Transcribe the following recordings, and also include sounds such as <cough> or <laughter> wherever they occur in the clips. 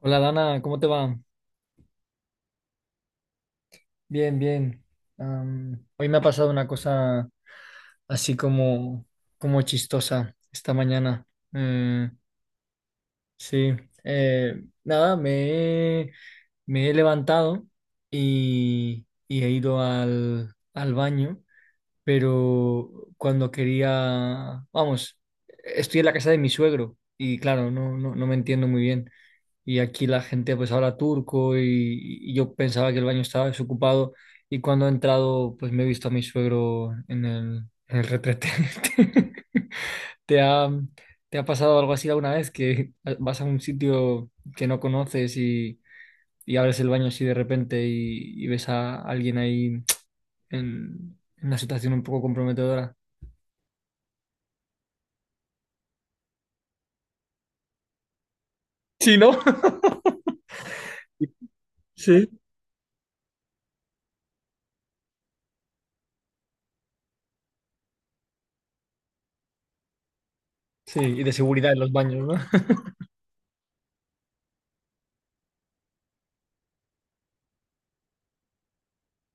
Hola Dana, ¿cómo te va? Bien, bien. Hoy me ha pasado una cosa así como chistosa esta mañana. Eh, sí, nada, me he levantado y he ido al baño, pero cuando quería, vamos, estoy en la casa de mi suegro y claro, no me entiendo muy bien. Y aquí la gente pues habla turco y yo pensaba que el baño estaba desocupado y cuando he entrado pues me he visto a mi suegro en el retrete. <laughs> ¿Te ha, te ha pasado algo así alguna vez que vas a un sitio que no conoces y abres el baño así de repente y ves a alguien ahí en una situación un poco comprometedora? Sí, ¿no? Sí. Sí, y de seguridad en los baños, ¿no?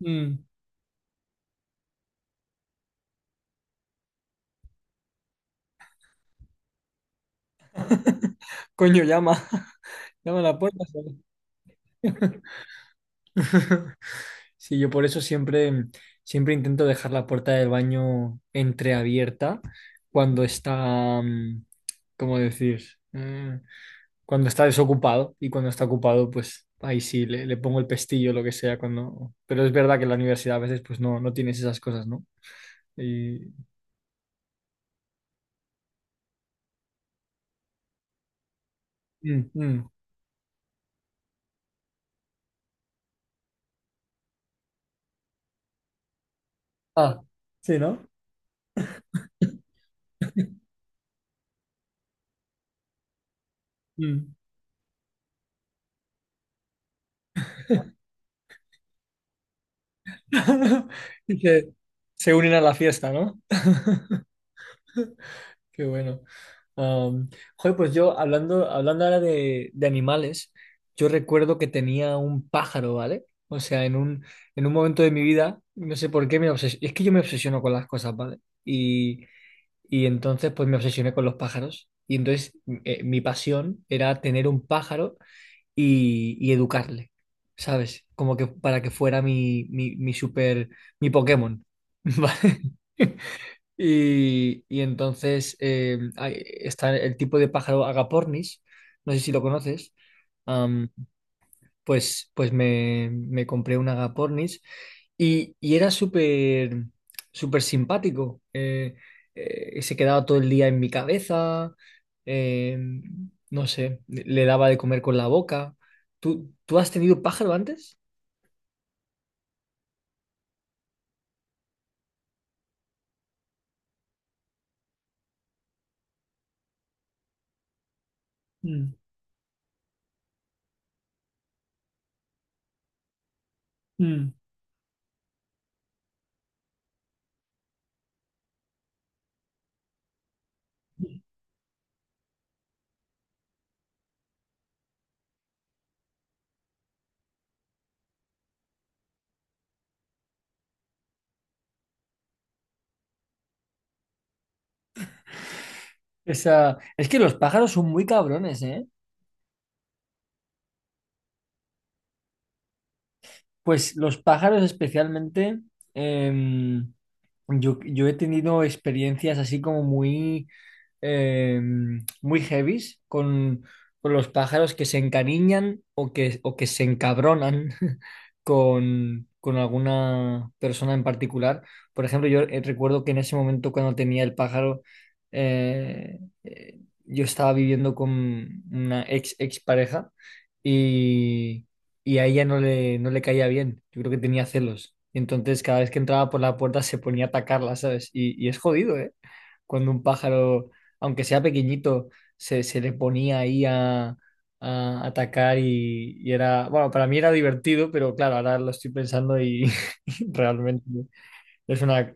Mm. Coño, llama. <laughs> Llama a la puerta. ¿Sabes? <laughs> <laughs> Sí, yo por eso siempre, siempre intento dejar la puerta del baño entreabierta cuando está, ¿cómo decir? Mm, Cuando está desocupado y cuando está ocupado, pues ahí sí, le pongo el pestillo, lo que sea, cuando... Pero es verdad que en la universidad a veces pues no tienes esas cosas, ¿no? Y... Mm, mm. Ah, sí, ¿no? Mm. <laughs> Y se unen a la fiesta, ¿no? Qué bueno. Am, joder, pues yo hablando, hablando ahora de animales, yo recuerdo que tenía un pájaro, ¿vale? O sea, en un momento de mi vida, no sé por qué me obsesioné. Es que yo me obsesiono con las cosas, ¿vale? Y, y entonces, pues me obsesioné con los pájaros. Y entonces, mi pasión era tener un pájaro y educarle, ¿sabes? Como que para que fuera mi Pokémon, <laughs> ¿vale? Y entonces está el tipo de pájaro agapornis, no sé si lo conoces, am, pues, pues me compré un agapornis y era súper súper simpático. Se quedaba todo el día en mi cabeza, eh, no sé, le daba de comer con la boca. ¿Tú has tenido pájaro antes? Mm, mm. Es que los pájaros son muy cabrones, ¿eh? Pues los pájaros especialmente, em, yo he tenido experiencias así como muy, eh, muy heavies con los pájaros que se encariñan o que se encabronan <laughs> con alguna persona en particular. Por ejemplo, yo recuerdo que en ese momento cuando tenía el pájaro, eh, yo estaba viviendo con una ex pareja y, y a ella no le caía bien. Yo creo que tenía celos. Y entonces cada vez que entraba por la puerta se ponía a atacarla, ¿sabes? Y es jodido, ¿eh? Cuando un pájaro, aunque sea pequeñito, se le ponía ahí a atacar y era, bueno, para mí era divertido, pero claro, ahora lo estoy pensando y <laughs> realmente es una...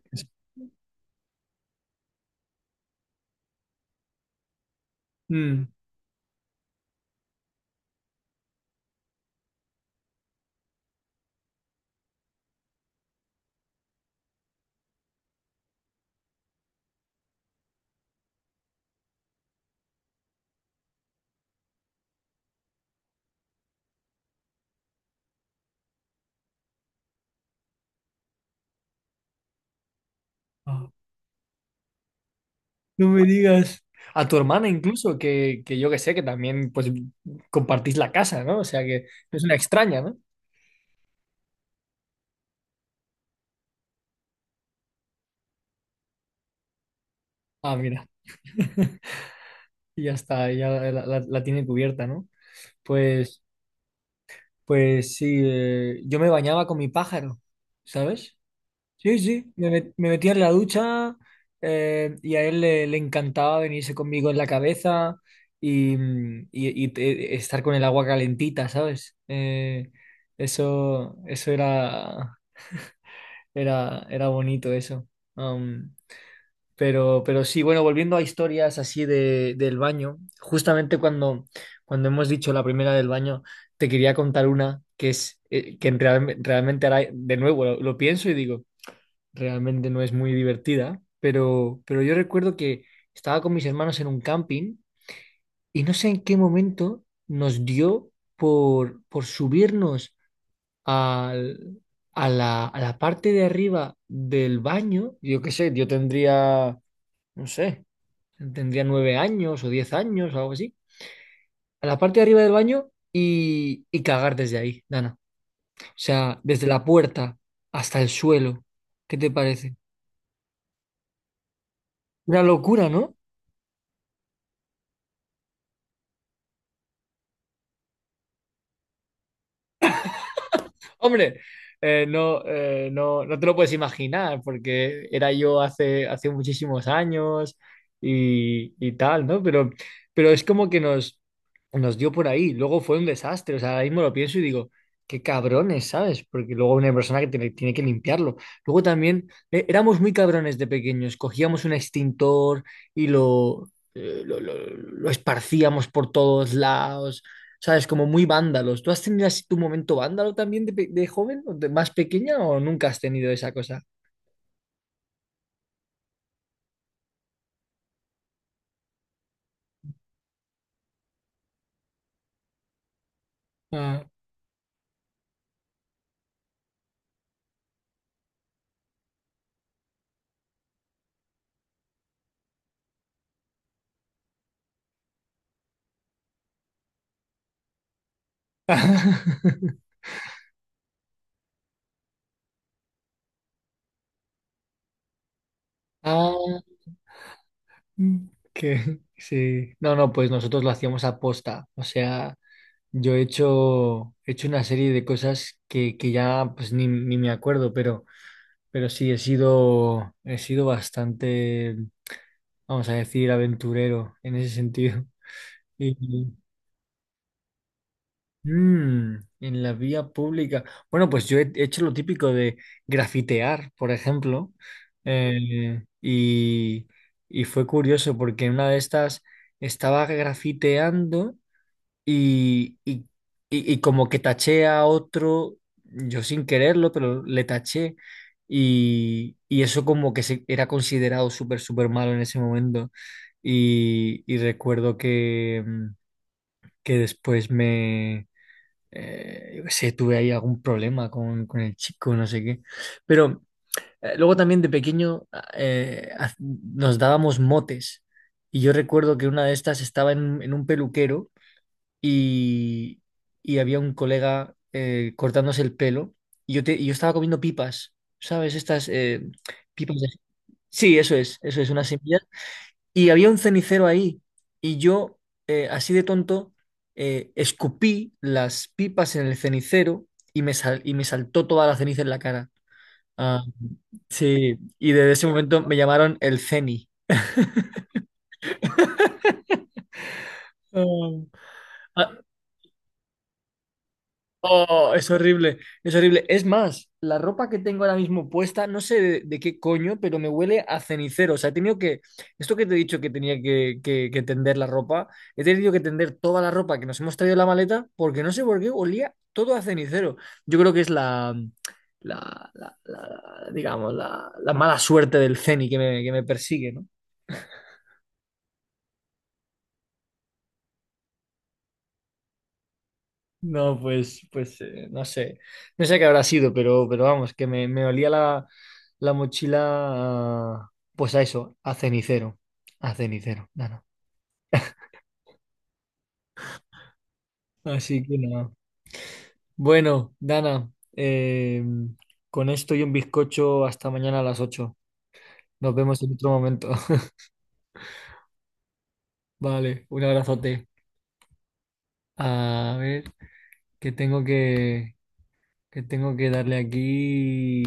Mm. Ah, no me digas. A tu hermana incluso, que yo que sé, que también pues compartís la casa, ¿no? O sea que no es una extraña, ¿no? Ah, mira. <laughs> Y ya está, ya la tiene cubierta, ¿no? Pues, pues sí, yo me bañaba con mi pájaro, ¿sabes? Sí, sí, me metía en la ducha y a él le encantaba venirse conmigo en la cabeza y estar con el agua calentita, ¿sabes? Eso, eso era, era, era bonito eso. Am, pero sí, bueno, volviendo a historias así de, del baño, justamente cuando hemos dicho la primera del baño, te quería contar una que es que en realmente ahora, de nuevo lo pienso y digo realmente no es muy divertida, pero yo recuerdo que estaba con mis hermanos en un camping y no sé en qué momento nos dio por subirnos al- a la parte de arriba del baño. Yo qué sé, yo tendría, no sé, tendría 9 años o 10 años o algo así. A la parte de arriba del baño y cagar desde ahí, Dana. O sea, desde la puerta hasta el suelo. ¿Qué te parece? Una locura, ¿no? Hombre, no, no, no te lo puedes imaginar, porque era yo hace, hace muchísimos años y tal, ¿no? Pero es como que nos dio por ahí. Luego fue un desastre. O sea, ahora mismo lo pienso y digo, qué cabrones, ¿sabes? Porque luego una persona que tiene, tiene que limpiarlo. Luego también éramos muy cabrones de pequeños. Cogíamos un extintor y lo esparcíamos por todos lados. ¿Sabes? Como muy vándalos. ¿Tú has tenido así tu momento vándalo también de joven, o de más pequeña, o nunca has tenido esa cosa? Ah. <laughs> Ah, que sí. No, no, pues nosotros lo hacíamos a posta. O sea, yo he hecho una serie de cosas que ya pues ni me acuerdo, pero sí, he sido bastante, vamos a decir, aventurero en ese sentido. <laughs> Y, en la vía pública. Bueno, pues yo he hecho lo típico de grafitear, por ejemplo, eh, y, y fue curioso porque en una de estas estaba grafiteando y, y, y como que taché a otro, yo sin quererlo, pero le taché y eso como que era considerado súper, súper malo en ese momento. Y recuerdo que, que después yo qué sé, tuve ahí algún problema con el chico, no sé qué. Pero luego también de pequeño nos dábamos motes y yo recuerdo que una de estas estaba en un peluquero y, y había un colega cortándose el pelo y yo estaba comiendo pipas, ¿sabes? Estas pipas de... Sí, eso es, una semilla y había un cenicero ahí. Y yo, así de tonto, escupí las pipas en el cenicero y me saltó toda la ceniza en la cara. Ah, sí, y desde ese momento me llamaron el Ceni. Ah, ¿ha- oh, es horrible, es horrible. Es más, la ropa que tengo ahora mismo puesta, no sé de qué coño, pero me huele a cenicero. O sea, he tenido que, esto que te he dicho que tenía que, que tender la ropa, he tenido que tender toda la ropa que nos hemos traído en la maleta porque no sé por qué olía todo a cenicero. Yo creo que es digamos, la mala suerte del ceni que me persigue, ¿no? No, pues no sé. No sé qué habrá sido, pero vamos, que me olía la mochila, pues a eso, a cenicero. A cenicero, Dana. Así que nada. Bueno, Dana, eh, con esto y un bizcocho hasta mañana a las 8. Nos vemos en otro momento. <laughs> Vale, un abrazote. A ver, que tengo que, que tengo que, darle aquí.